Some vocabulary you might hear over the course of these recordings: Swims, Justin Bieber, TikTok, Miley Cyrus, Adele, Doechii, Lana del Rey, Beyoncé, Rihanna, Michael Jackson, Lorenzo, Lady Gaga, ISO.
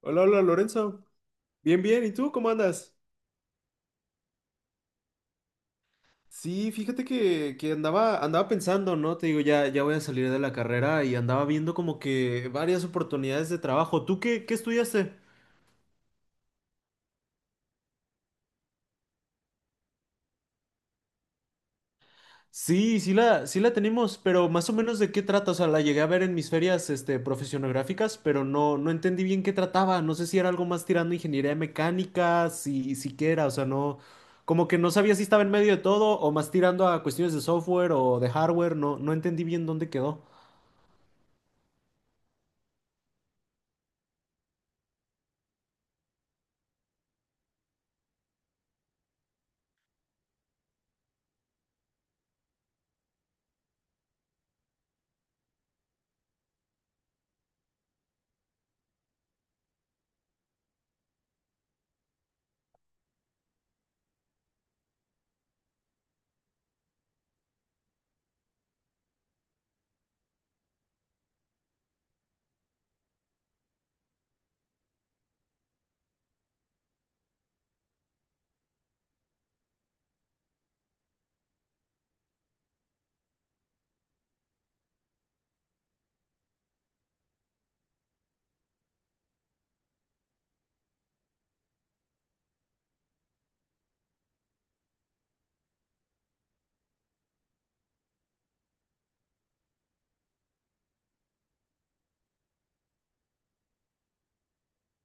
Hola, hola Lorenzo. Bien, bien. ¿Y tú cómo andas? Sí, fíjate que andaba, andaba pensando, ¿no? Te digo, ya voy a salir de la carrera y andaba viendo como que varias oportunidades de trabajo. ¿Tú qué estudiaste? Sí, sí la tenemos, pero más o menos de qué trata. O sea, la llegué a ver en mis ferias, este, profesionográficas, pero no entendí bien qué trataba. No sé si era algo más tirando ingeniería mecánica, si, siquiera, o sea, no, como que no sabía si estaba en medio de todo o más tirando a cuestiones de software o de hardware. No, no entendí bien dónde quedó.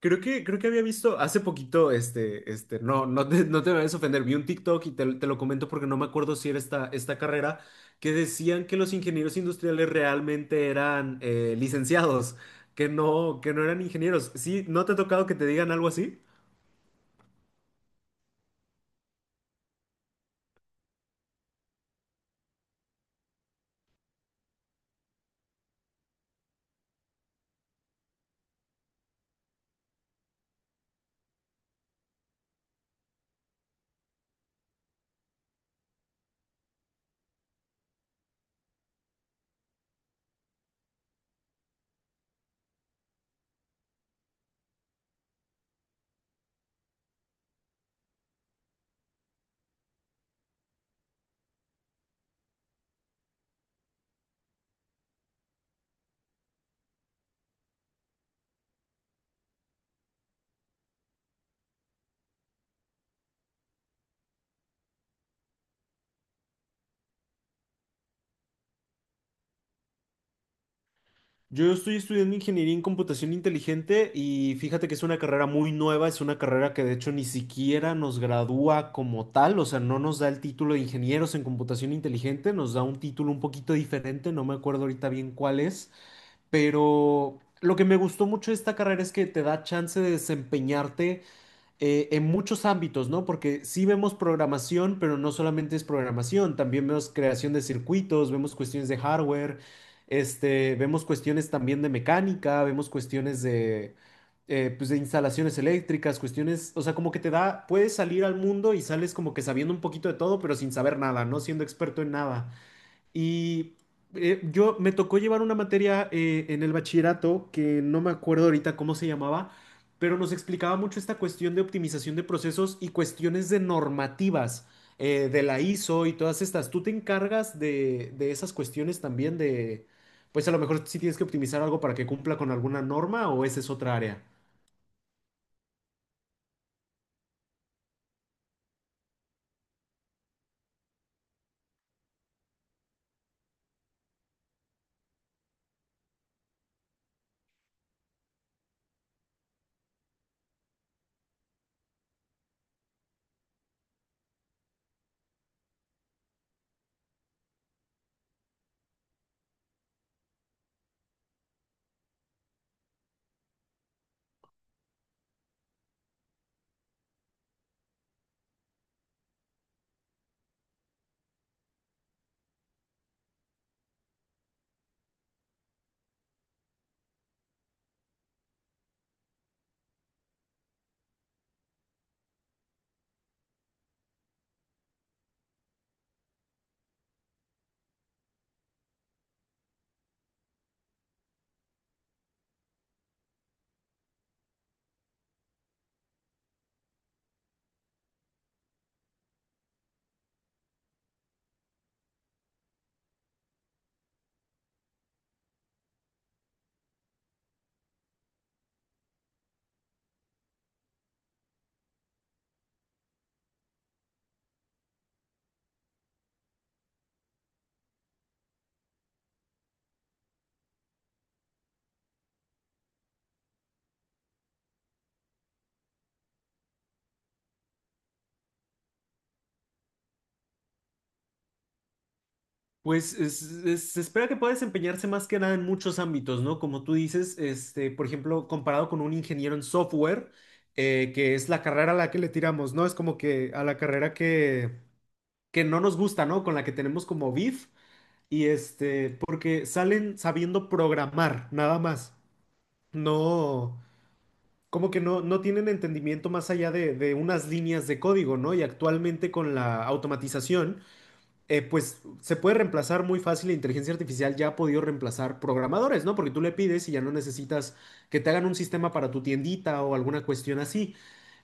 Creo que había visto hace poquito, este, no te vayas a ofender, vi un TikTok y te lo comento porque no me acuerdo si era esta, esta carrera, que decían que los ingenieros industriales realmente eran licenciados, que no eran ingenieros. ¿Sí? ¿No te ha tocado que te digan algo así? Yo estoy estudiando ingeniería en computación inteligente y fíjate que es una carrera muy nueva, es una carrera que de hecho ni siquiera nos gradúa como tal, o sea, no nos da el título de ingenieros en computación inteligente, nos da un título un poquito diferente, no me acuerdo ahorita bien cuál es, pero lo que me gustó mucho de esta carrera es que te da chance de desempeñarte en muchos ámbitos, ¿no? Porque sí vemos programación, pero no solamente es programación, también vemos creación de circuitos, vemos cuestiones de hardware, este, vemos cuestiones también de mecánica, vemos cuestiones de, pues de instalaciones eléctricas, cuestiones, o sea, como que te da, puedes salir al mundo y sales como que sabiendo un poquito de todo, pero sin saber nada, no siendo experto en nada. Y yo me tocó llevar una materia en el bachillerato que no me acuerdo ahorita cómo se llamaba, pero nos explicaba mucho esta cuestión de optimización de procesos y cuestiones de normativas de la ISO y todas estas. ¿Tú te encargas de esas cuestiones también de, pues a lo mejor si tienes que optimizar algo para que cumpla con alguna norma o esa es otra área? Pues es- se espera que pueda desempeñarse más que nada en muchos ámbitos, ¿no? Como tú dices, este, por ejemplo, comparado con un ingeniero en software, que es la carrera a la que le tiramos, ¿no? Es como que a la carrera que no nos gusta, ¿no? Con la que tenemos como beef, y este, porque salen sabiendo programar, nada más. No, como que no, no tienen entendimiento más allá de unas líneas de código, ¿no? Y actualmente con la automatización pues se puede reemplazar muy fácil, la inteligencia artificial ya ha podido reemplazar programadores, ¿no? Porque tú le pides y ya no necesitas que te hagan un sistema para tu tiendita o alguna cuestión así.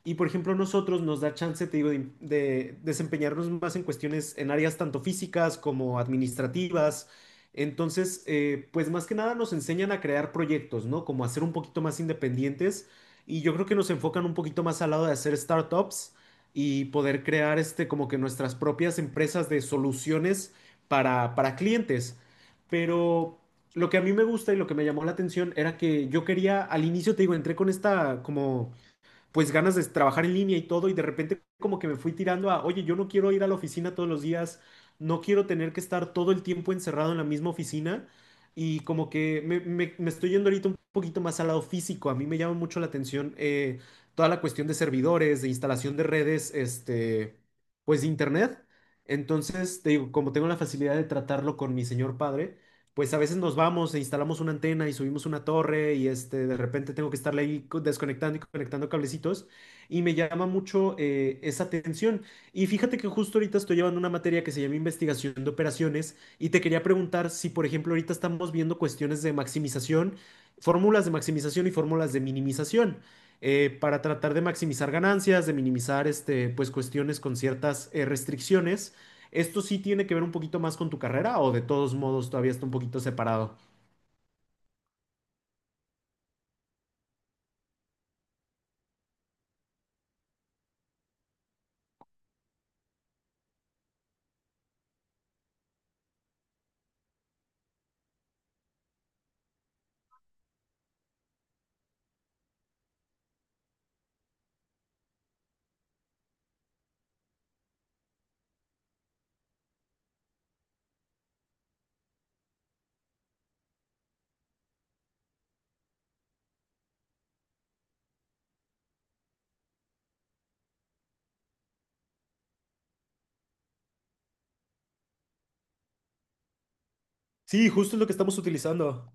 Y por ejemplo, nosotros nos da chance, te digo, de desempeñarnos más en cuestiones, en áreas tanto físicas como administrativas. Entonces, pues más que nada nos enseñan a crear proyectos, ¿no? Como a ser un poquito más independientes. Y yo creo que nos enfocan un poquito más al lado de hacer startups y poder crear este, como que nuestras propias empresas de soluciones para clientes. Pero lo que a mí me gusta y lo que me llamó la atención era que yo quería, al inicio te digo, entré con esta como pues ganas de trabajar en línea y todo, y de repente como que me fui tirando a, oye, yo no quiero ir a la oficina todos los días, no quiero tener que estar todo el tiempo encerrado en la misma oficina, y como que me- me estoy yendo ahorita un poquito más al lado físico, a mí me llama mucho la atención toda la cuestión de servidores, de instalación de redes, este, pues de internet. Entonces, te digo, como tengo la facilidad de tratarlo con mi señor padre, pues a veces nos vamos e instalamos una antena y subimos una torre y este, de repente tengo que estarle ahí co- desconectando y conectando cablecitos y me llama mucho esa atención. Y fíjate que justo ahorita estoy llevando una materia que se llama investigación de operaciones y te quería preguntar si, por ejemplo, ahorita estamos viendo cuestiones de maximización, fórmulas de maximización y fórmulas de minimización. Para tratar de maximizar ganancias, de minimizar este, pues, cuestiones con ciertas restricciones. ¿Esto sí tiene que ver un poquito más con tu carrera o de todos modos todavía está un poquito separado? Sí, justo es lo que estamos utilizando.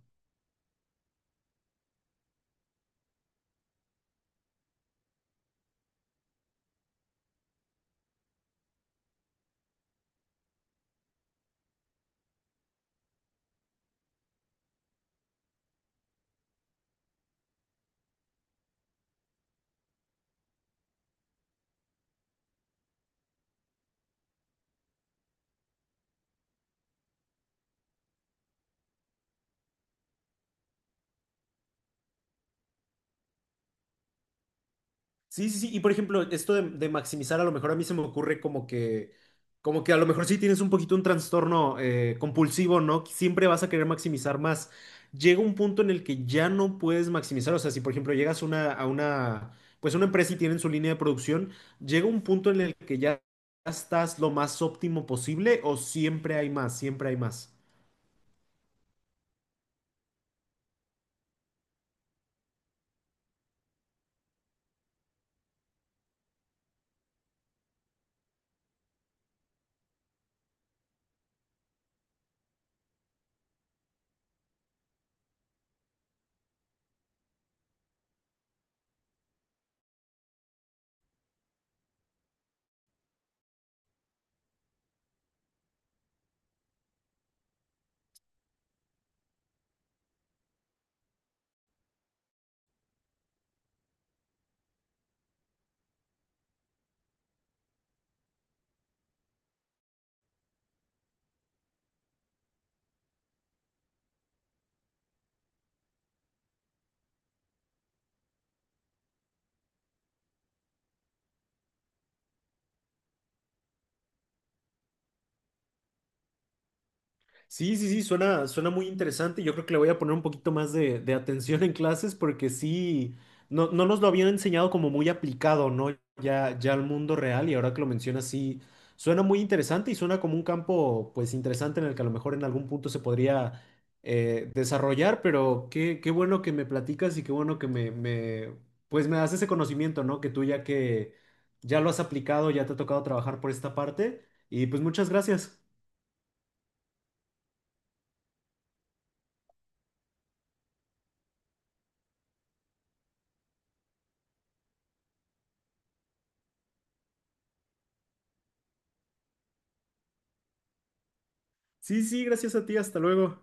Sí, sí, sí. Y por ejemplo, esto de maximizar, a lo mejor a mí se me ocurre como que a lo mejor sí tienes un poquito un trastorno compulsivo, ¿no? Que siempre vas a querer maximizar más. Llega un punto en el que ya no puedes maximizar. O sea, si por ejemplo llegas una, a una, pues una empresa y tienen su línea de producción, llega un punto en el que ya estás lo más óptimo posible o siempre hay más, siempre hay más. Sí, sí, sí, suena, suena muy interesante. Yo creo que le voy a poner un poquito más de atención en clases porque sí, no, no nos lo habían enseñado como muy aplicado, ¿no? Ya, ya al mundo real y ahora que lo mencionas, sí, suena muy interesante y suena como un campo, pues, interesante en el que a lo mejor en algún punto se podría desarrollar, pero qué, qué bueno que me platicas y qué bueno que me, pues, me das ese conocimiento, ¿no? Que tú ya que ya lo has aplicado, ya te ha tocado trabajar por esta parte y pues muchas gracias. Sí, sí, gracias a ti, hasta luego.